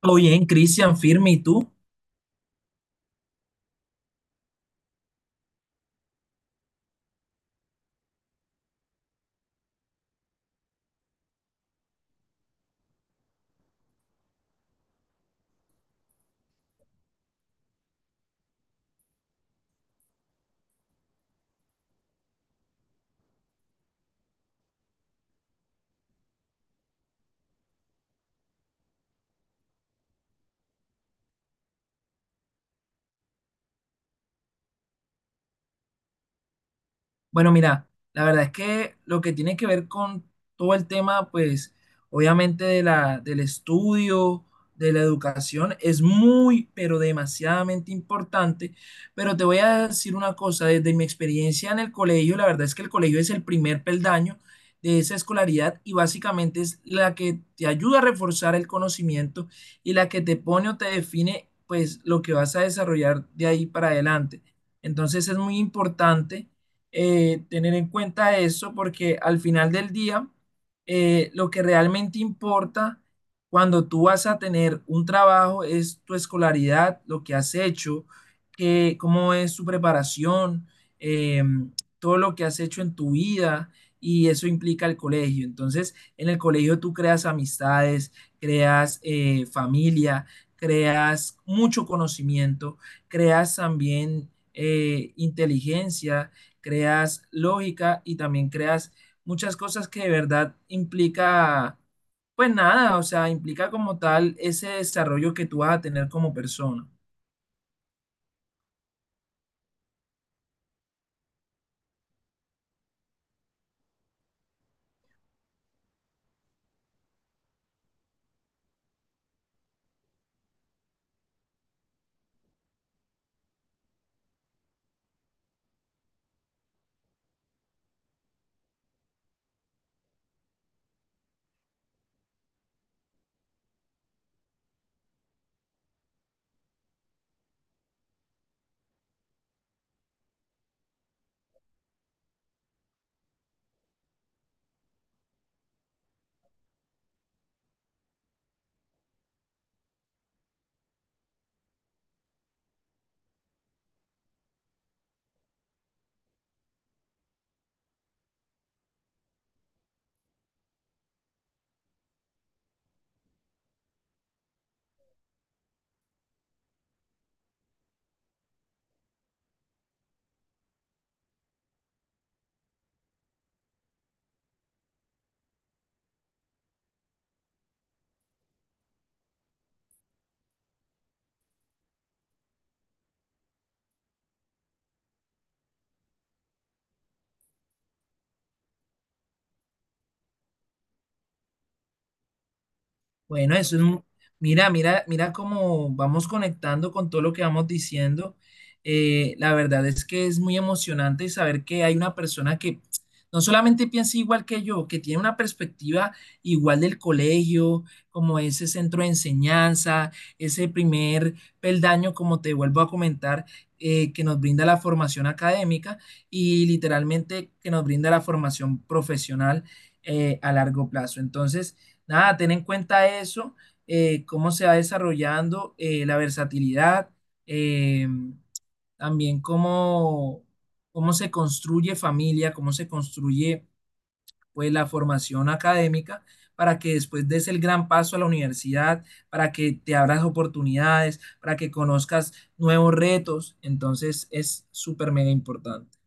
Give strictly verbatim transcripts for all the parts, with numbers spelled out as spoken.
Todo bien, Cristian, firme, ¿y tú? Bueno, mira, la verdad es que lo que tiene que ver con todo el tema, pues, obviamente de la, del estudio, de la educación, es muy, pero demasiadamente importante. Pero te voy a decir una cosa, desde mi experiencia en el colegio, la verdad es que el colegio es el primer peldaño de esa escolaridad y básicamente es la que te ayuda a reforzar el conocimiento y la que te pone o te define, pues, lo que vas a desarrollar de ahí para adelante. Entonces es muy importante eh, tener en cuenta eso porque al final del día, eh, lo que realmente importa cuando tú vas a tener un trabajo es tu escolaridad, lo que has hecho, que, cómo es tu preparación, eh, todo lo que has hecho en tu vida. Y eso implica el colegio. Entonces, en el colegio tú creas amistades, creas eh, familia, creas mucho conocimiento, creas también eh, inteligencia, creas lógica y también creas muchas cosas que de verdad implica, pues nada, o sea, implica como tal ese desarrollo que tú vas a tener como persona. Bueno, eso es, un- mira, mira, mira cómo vamos conectando con todo lo que vamos diciendo. Eh, la verdad es que es muy emocionante saber que hay una persona que no solamente piensa igual que yo, que tiene una perspectiva igual del colegio, como ese centro de enseñanza, ese primer peldaño, como te vuelvo a comentar, eh, que nos brinda la formación académica y literalmente que nos brinda la formación profesional eh, a largo plazo. Entonces, nada, ten en cuenta eso, eh, cómo se va desarrollando eh, la versatilidad, eh, también cómo, cómo se construye familia, cómo se construye pues la formación académica para que después des el gran paso a la universidad, para que te abras oportunidades, para que conozcas nuevos retos. Entonces es súper mega importante.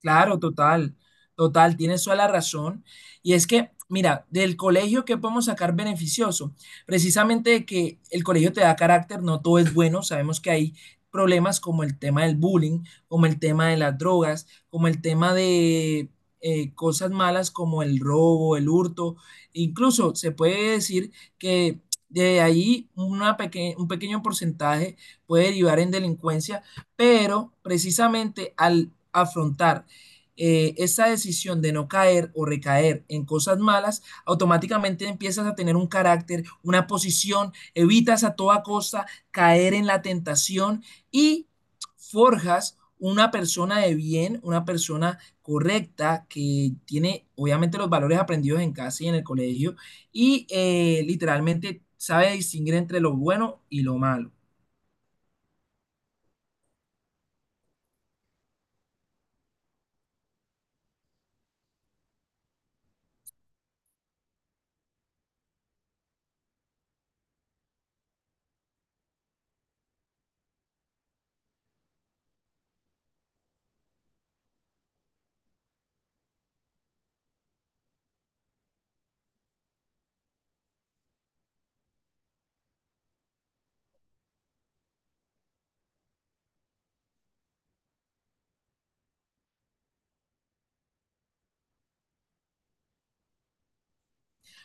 Claro, total, total, tienes toda la razón. Y es que, mira, del colegio, ¿qué podemos sacar beneficioso? Precisamente de que el colegio te da carácter, no todo es bueno. Sabemos que hay problemas como el tema del bullying, como el tema de las drogas, como el tema de eh, cosas malas como el robo, el hurto. Incluso se puede decir que de ahí una peque- un pequeño porcentaje puede derivar en delincuencia, pero precisamente al afrontar eh, esa decisión de no caer o recaer en cosas malas, automáticamente empiezas a tener un carácter, una posición, evitas a toda costa caer en la tentación y forjas una persona de bien, una persona correcta que tiene obviamente los valores aprendidos en casa y en el colegio y eh, literalmente sabe distinguir entre lo bueno y lo malo.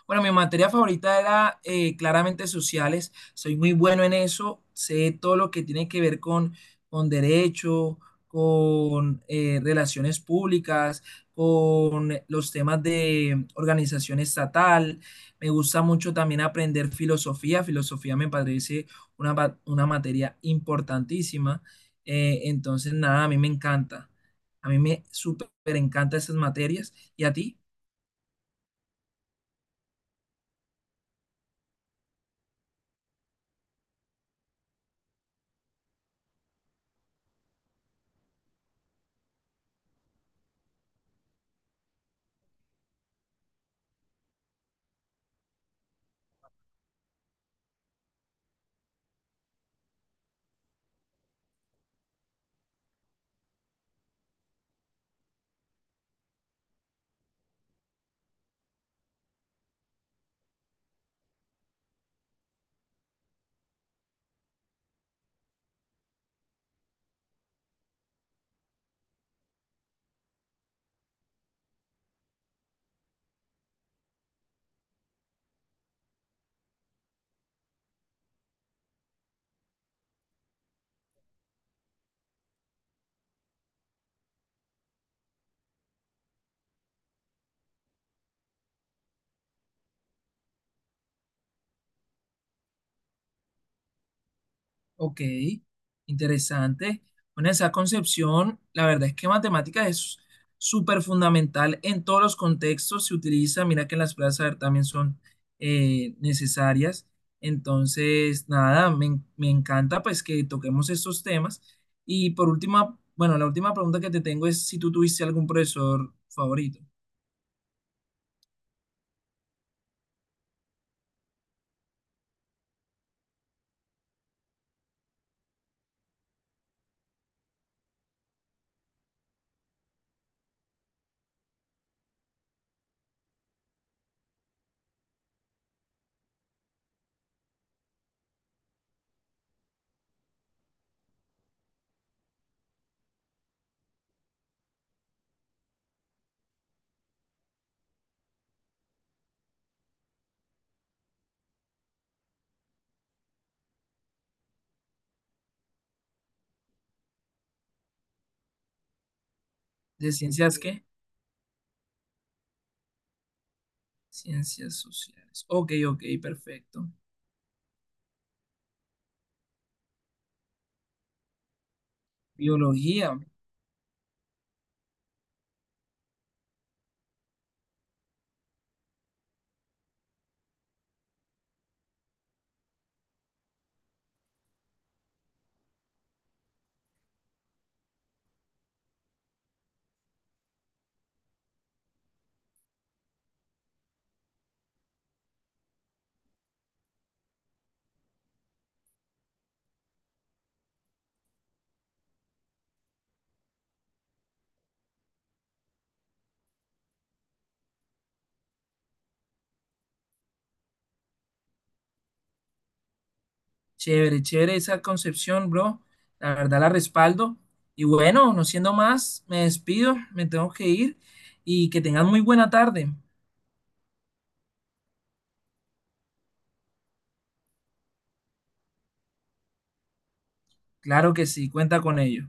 Bueno, mi materia favorita era eh, claramente sociales. Soy muy bueno en eso. Sé todo lo que tiene que ver con, con derecho, con eh, relaciones públicas, con los temas de organización estatal. Me gusta mucho también aprender filosofía. Filosofía me parece una, ba- una materia importantísima. Eh, entonces, nada, a mí me encanta. A mí me súper encanta esas materias. ¿Y a ti? Ok, interesante. Bueno, esa concepción, la verdad es que matemáticas es súper fundamental en todos los contextos, se utiliza, mira que las pruebas de saber también son eh, necesarias. Entonces, nada, me, en- me encanta pues que toquemos estos temas. Y por última, bueno, la última pregunta que te tengo es si tú tuviste algún profesor favorito. ¿De ciencias qué? Ciencias sociales. Ok, ok, perfecto. Biología. Chévere, chévere esa concepción, bro. La verdad la respaldo. Y bueno, no siendo más, me despido, me tengo que ir y que tengan muy buena tarde. Claro que sí, cuenta con ello.